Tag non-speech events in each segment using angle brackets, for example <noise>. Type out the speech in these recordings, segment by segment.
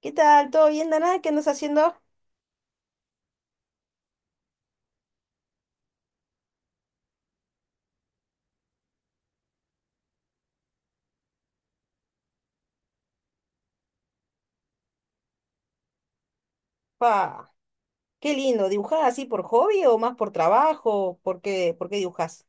¿Qué tal? ¿Todo bien, Dana? ¿Qué andas haciendo? Pa, qué lindo. ¿Dibujás así por hobby o más por trabajo? ¿Por qué dibujás?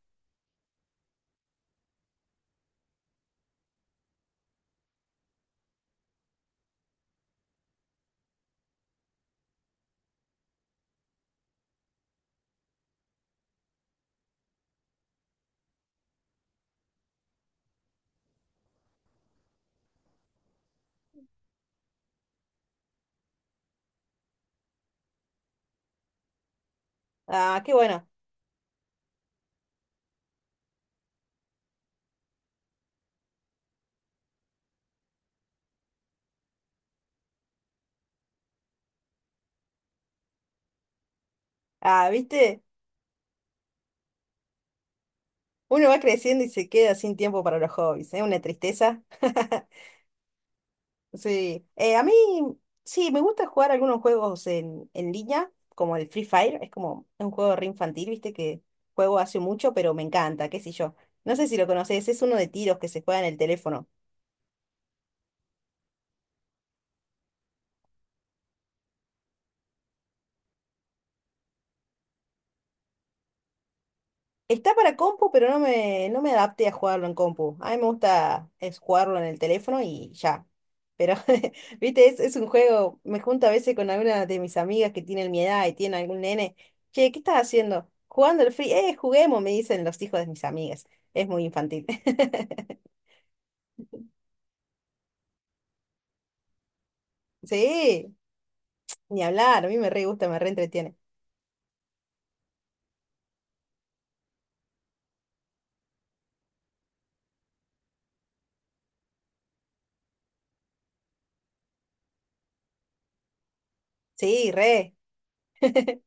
Ah, qué bueno. Ah, ¿viste? Uno va creciendo y se queda sin tiempo para los hobbies, ¿eh? Una tristeza. <laughs> Sí. A mí, sí, me gusta jugar algunos juegos en línea, como el Free Fire. Es como un juego re infantil, ¿viste? Que juego hace mucho, pero me encanta, qué sé yo. No sé si lo conoces, es uno de tiros que se juega en el teléfono. Está para compu, pero no me adapté a jugarlo en compu. A mí me gusta es jugarlo en el teléfono y ya. Pero, <laughs> viste, es un juego. Me junto a veces con alguna de mis amigas que tienen mi edad y tienen algún nene. Che, ¿qué estás haciendo? Jugando el free. Juguemos, me dicen los hijos de mis amigas. Es muy infantil. <laughs> Sí, ni hablar. A mí me re gusta, me re entretiene. Sí, re. <laughs>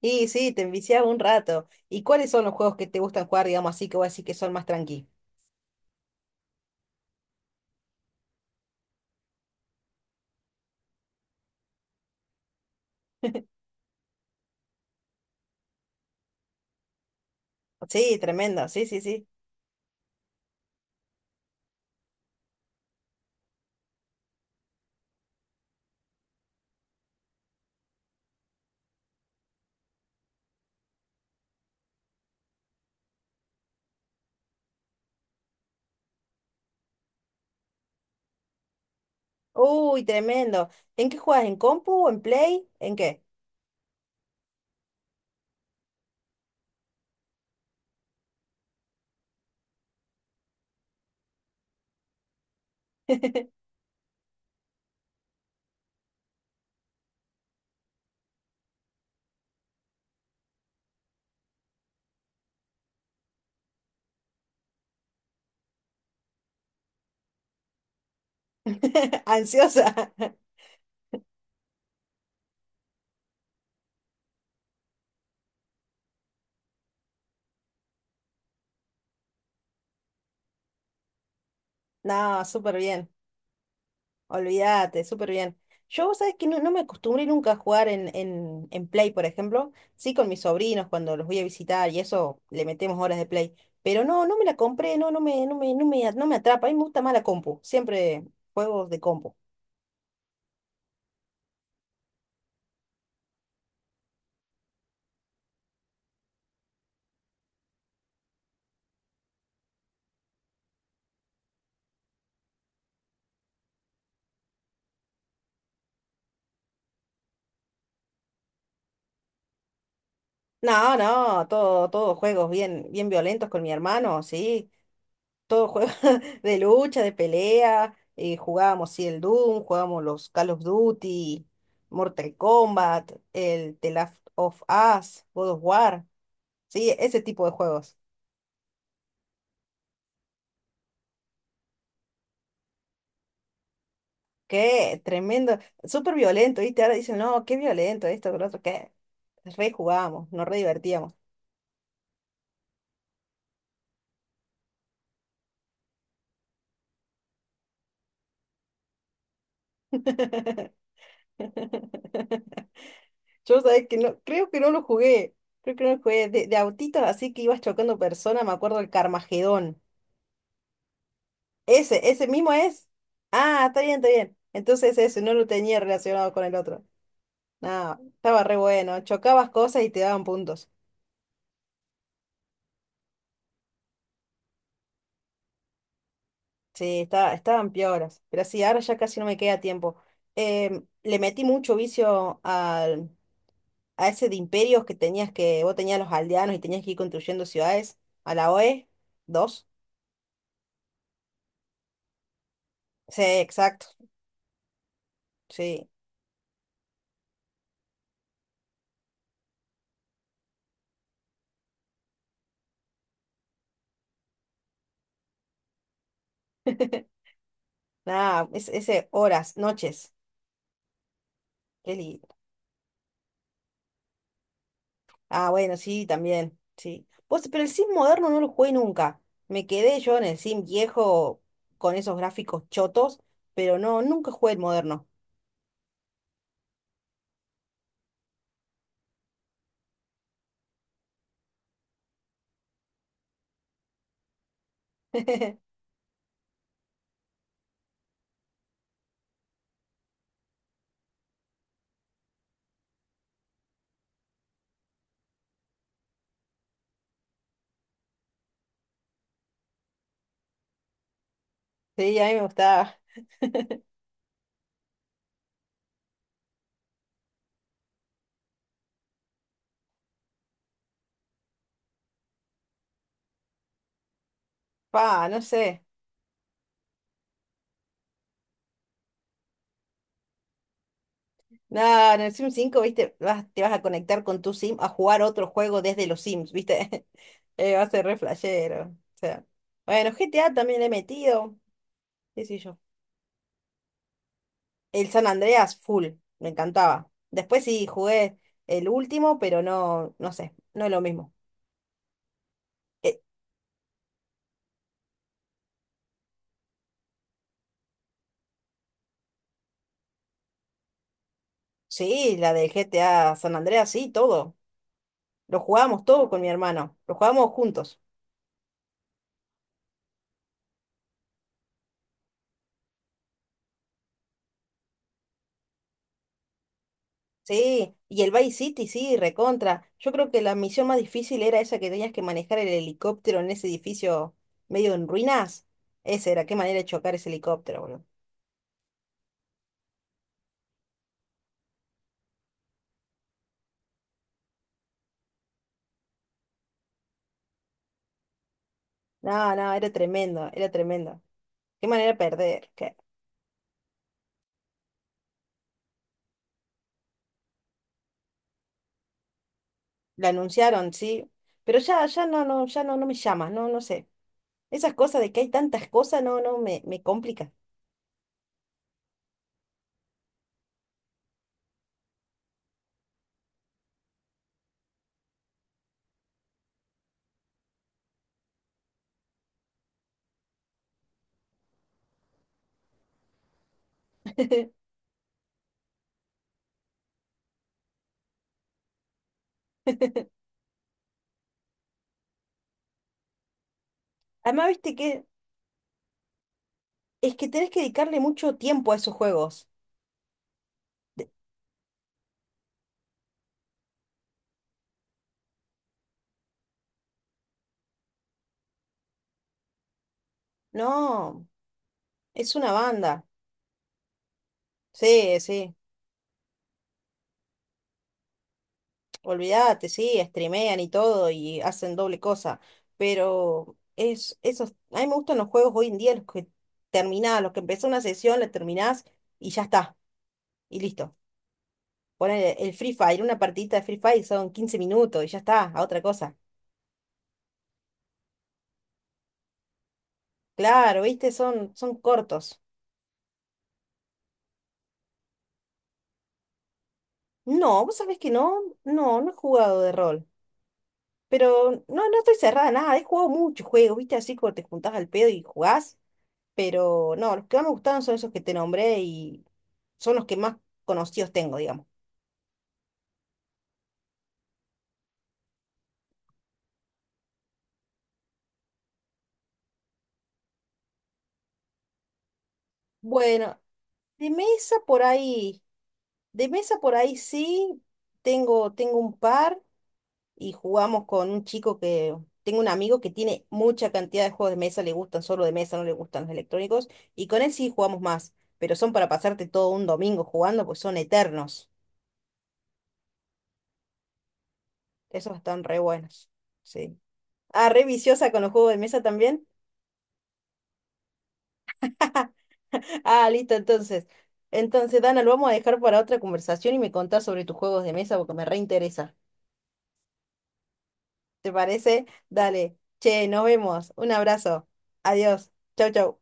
Y sí, te enviciaba un rato. ¿Y cuáles son los juegos que te gustan jugar, digamos así, que voy a decir que son más tranqui? Sí, tremendo, sí, sí, sí. Uy, tremendo. ¿En qué juegas? ¿En compu? ¿En play? ¿En qué? <laughs> ¿Ansiosa? <laughs> No, súper bien. Olvídate, súper bien. Yo, vos sabés que no, no me acostumbré nunca a jugar en Play, por ejemplo. Sí, con mis sobrinos cuando los voy a visitar y eso, le metemos horas de Play. Pero no, no me la compré, no, no me atrapa. A mí me gusta más la compu. Siempre juegos de compu. No, no, todos juegos bien, bien violentos con mi hermano, sí, todo juego <laughs> de lucha, de pelea, jugábamos sí, el Doom, jugábamos los Call of Duty, Mortal Kombat, el The Last of Us, God of War, sí, ese tipo de juegos. Qué tremendo, súper violento, ¿viste? Ahora dicen, no, qué violento esto, que lo otro, qué. Re jugábamos, nos re divertíamos. <laughs> Yo sabés que no, creo que no lo jugué, creo que no lo jugué, de autitos así que ibas chocando personas, me acuerdo del Carmagedón. Ese mismo es. Ah, está bien, está bien. Entonces ese, no lo tenía relacionado con el otro. No, estaba re bueno. Chocabas cosas y te daban puntos. Sí, estaban pioras. Pero sí, ahora ya casi no me queda tiempo. Le metí mucho vicio a ese de imperios que tenías que, vos tenías los aldeanos y tenías que ir construyendo ciudades. A la OE, dos. Sí, exacto. Sí. <laughs> Nada, es ese horas, noches. Qué lindo. Ah, bueno, sí, también, sí. Vos, pero el Sim moderno no lo jugué nunca. Me quedé yo en el Sim viejo con esos gráficos chotos, pero no, nunca jugué el moderno. <laughs> Sí, a mí me gustaba. Pa, no sé. Nada, en el Sim 5, viste, te vas a conectar con tu Sim a jugar otro juego desde los Sims, viste. <laughs> Va a ser re flashero. O sea. Bueno, GTA también le he metido. Qué sé yo. El San Andreas, full, me encantaba. Después sí jugué el último, pero no, no sé, no es lo mismo. Eh, sí, la del GTA San Andreas, sí, todo. Lo jugábamos todo con mi hermano, lo jugábamos juntos. Sí, y el Vice City, sí, recontra. Yo creo que la misión más difícil era esa que tenías que manejar el helicóptero en ese edificio medio en ruinas. Esa era, qué manera de chocar ese helicóptero, boludo. No, no, era tremendo, era tremendo. Qué manera de perder. La anunciaron, sí, pero ya, ya no, no, ya no, no me llama, no, no sé. Esas cosas de que hay tantas cosas, no, no, me complica. <laughs> Además, viste que es que tenés que dedicarle mucho tiempo a esos juegos. De- No, es una banda. Sí, sí, olvídate, sí, streamean y todo y hacen doble cosa, pero esos, a mí me gustan los juegos hoy en día, los que terminás, los que empezás una sesión, la terminás y ya está, y listo. Poner el Free Fire, una partidita de Free Fire son 15 minutos y ya está, a otra cosa. Claro, ¿viste? Son cortos. No, vos sabés que no, no, no he jugado de rol. Pero no, no estoy cerrada a nada, he jugado muchos juegos, ¿viste? Así como te juntás al pedo y jugás. Pero no, los que más me gustaron son esos que te nombré y son los que más conocidos tengo, digamos. Bueno, de mesa por ahí, de mesa por ahí sí, tengo un par. Y jugamos con un chico que, tengo un amigo que tiene mucha cantidad de juegos de mesa, le gustan solo de mesa, no le gustan los electrónicos, y con él sí jugamos más, pero son para pasarte todo un domingo jugando, pues son eternos. Esos están re buenos. Sí. Ah, re viciosa con los juegos de mesa también. <laughs> Ah, listo, entonces. Entonces, Dana, lo vamos a dejar para otra conversación y me contás sobre tus juegos de mesa porque me reinteresa. ¿Te parece? Dale. Che, nos vemos. Un abrazo. Adiós. Chau, chau.